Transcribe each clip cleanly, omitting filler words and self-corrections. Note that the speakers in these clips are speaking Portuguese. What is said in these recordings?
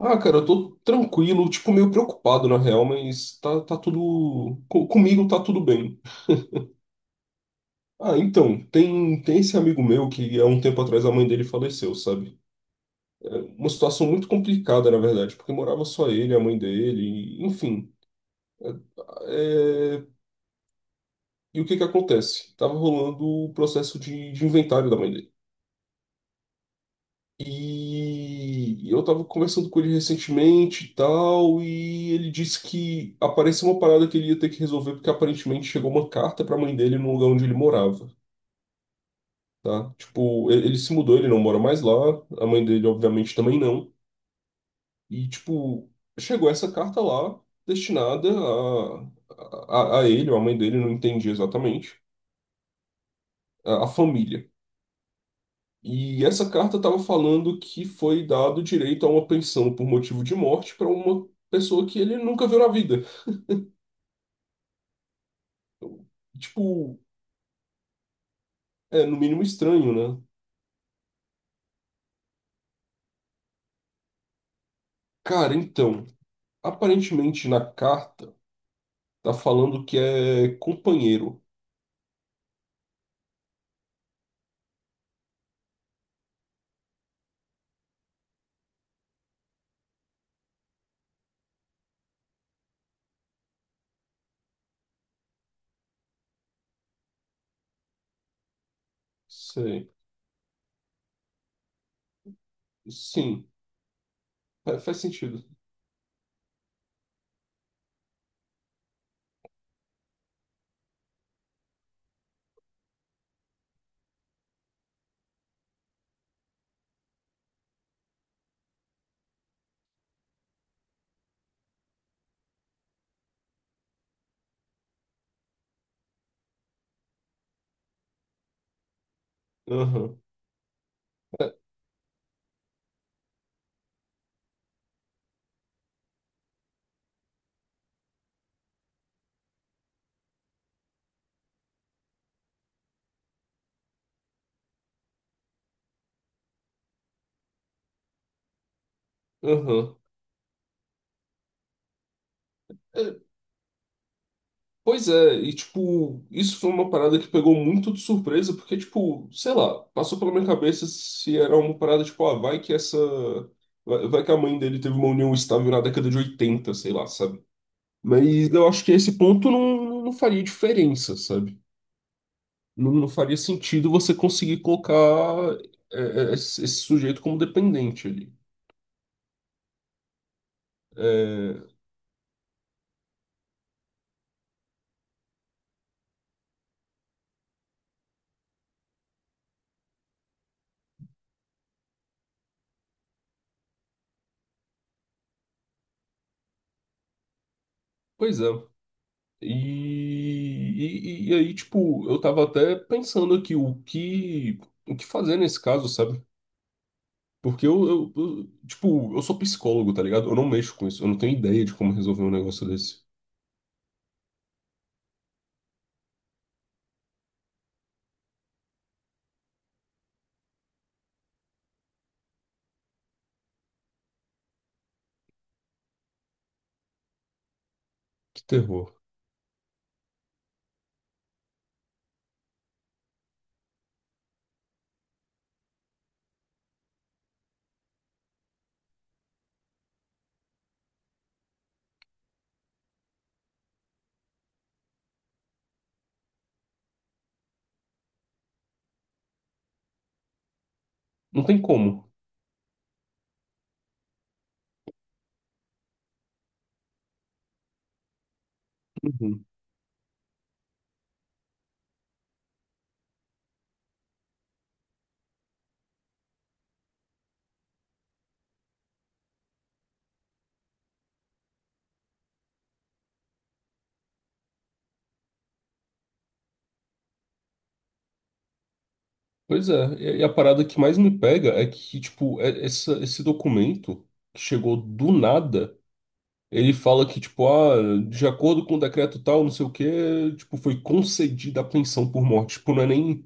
Ah, cara, eu tô tranquilo, tipo, meio preocupado na real, mas tá tudo. Comigo tá tudo bem. Ah, então, tem esse amigo meu que há um tempo atrás a mãe dele faleceu, sabe? É uma situação muito complicada, na verdade, porque morava só ele, a mãe dele, enfim. É, e o que que acontece? Tava rolando o processo de inventário da mãe dele. E eu tava conversando com ele recentemente e tal, e ele disse que apareceu uma parada que ele ia ter que resolver, porque aparentemente chegou uma carta pra mãe dele no lugar onde ele morava, tá? Tipo, ele se mudou, ele não mora mais lá, a mãe dele obviamente também não. E, tipo, chegou essa carta lá, destinada a ele, ou a mãe dele, não entendi exatamente, a família. E essa carta estava falando que foi dado direito a uma pensão por motivo de morte para uma pessoa que ele nunca viu na vida. Tipo, é no mínimo estranho, né? Cara, então, aparentemente na carta tá falando que é companheiro. Sei. Sim, faz sentido. Aham, aham. É, pois é, e tipo, isso foi uma parada que pegou muito de surpresa, porque, tipo, sei lá, passou pela minha cabeça se era uma parada, tipo, ah, vai que essa. Vai que a mãe dele teve uma união estável na década de 80 sei lá, sabe? Mas eu acho que esse ponto não faria diferença, sabe? Não faria sentido você conseguir colocar esse sujeito como dependente ali. É, pois é. E aí, tipo, eu tava até pensando aqui o que fazer nesse caso, sabe? Porque tipo, eu sou psicólogo, tá ligado? Eu não mexo com isso, eu não tenho ideia de como resolver um negócio desse. Que terror. Não tem como. Uhum. Pois é, e a parada que mais me pega é que, tipo, essa, esse documento que chegou do nada, ele fala que, tipo, ah, de acordo com o decreto tal, não sei o quê, tipo, foi concedida a pensão por morte. Tipo, não é nem.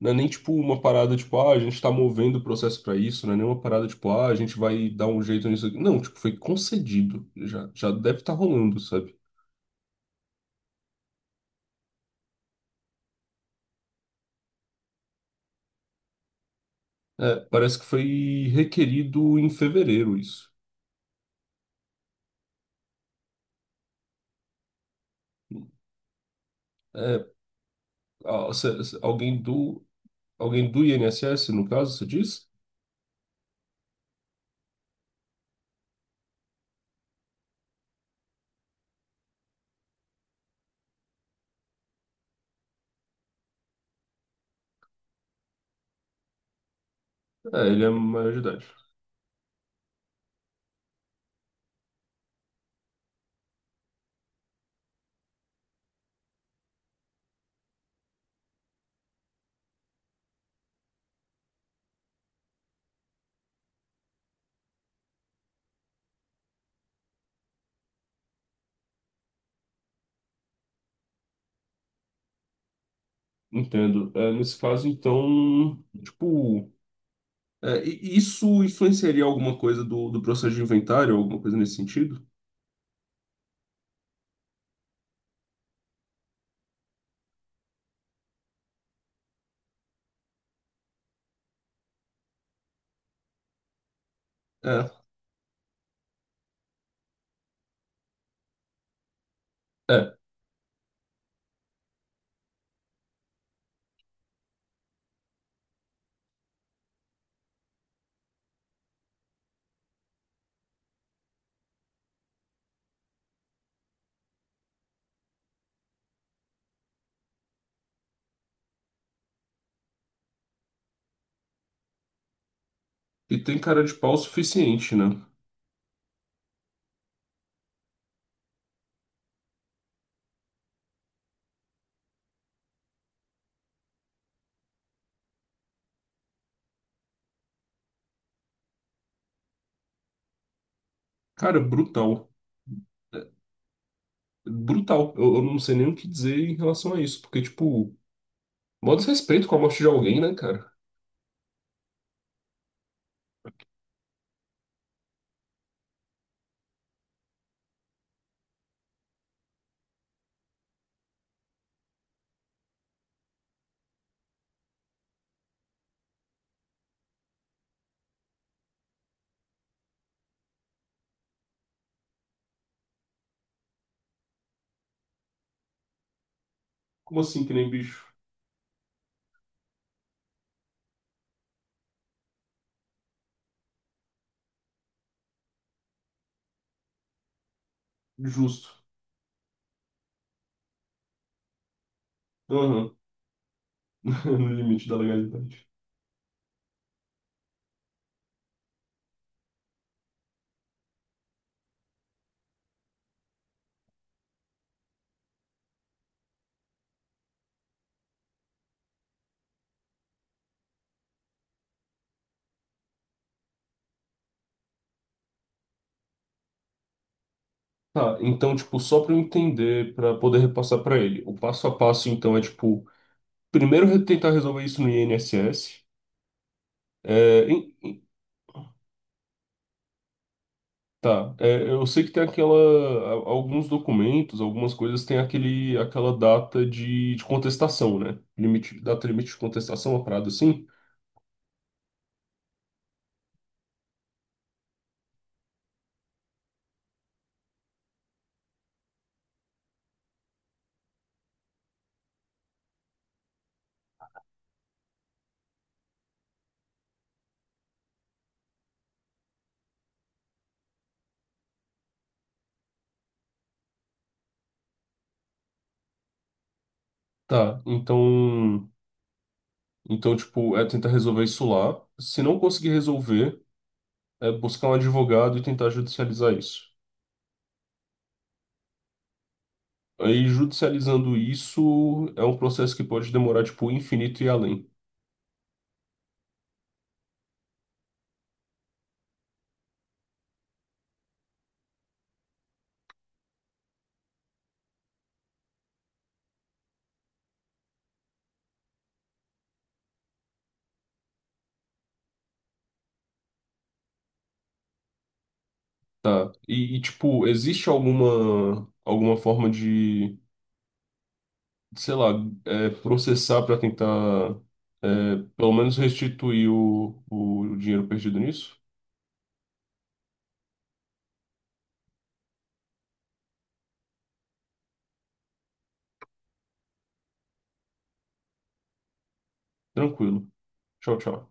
Não é nem tipo uma parada tipo, ah, a gente tá movendo o processo pra isso, não é nem uma parada tipo, ah, a gente vai dar um jeito nisso aqui. Não, tipo, foi concedido. Já deve estar rolando, sabe? É, parece que foi requerido em fevereiro isso. É, alguém alguém do INSS, no caso, você diz? É, ele é maior de idade. Entendo. É, nesse caso, então, tipo, é, isso influenciaria alguma coisa do processo de inventário, alguma coisa nesse sentido? É. É, E tem cara de pau o suficiente, né? Cara, brutal. É, brutal. Eu não sei nem o que dizer em relação a isso, porque, tipo, mó desrespeito com a morte de alguém, né, cara? Como assim que nem bicho? Justo. Aham. No limite da legalidade. Tá, então, tipo, só pra eu entender, pra poder repassar pra ele, o passo a passo, então, é, tipo, primeiro tentar resolver isso no INSS. Tá, é, eu sei que tem aquela, alguns documentos, algumas coisas tem aquele, aquela data de contestação, né? Limite, data limite de contestação, uma parada assim. Tá, então, então, tipo, é tentar resolver isso lá. Se não conseguir resolver, é buscar um advogado e tentar judicializar isso. Aí, judicializando isso, é um processo que pode demorar, tipo, infinito e além. Tá, e tipo, existe alguma, alguma forma de sei lá, é, processar para tentar, é, pelo menos restituir o dinheiro perdido nisso? Tranquilo. Tchau, tchau.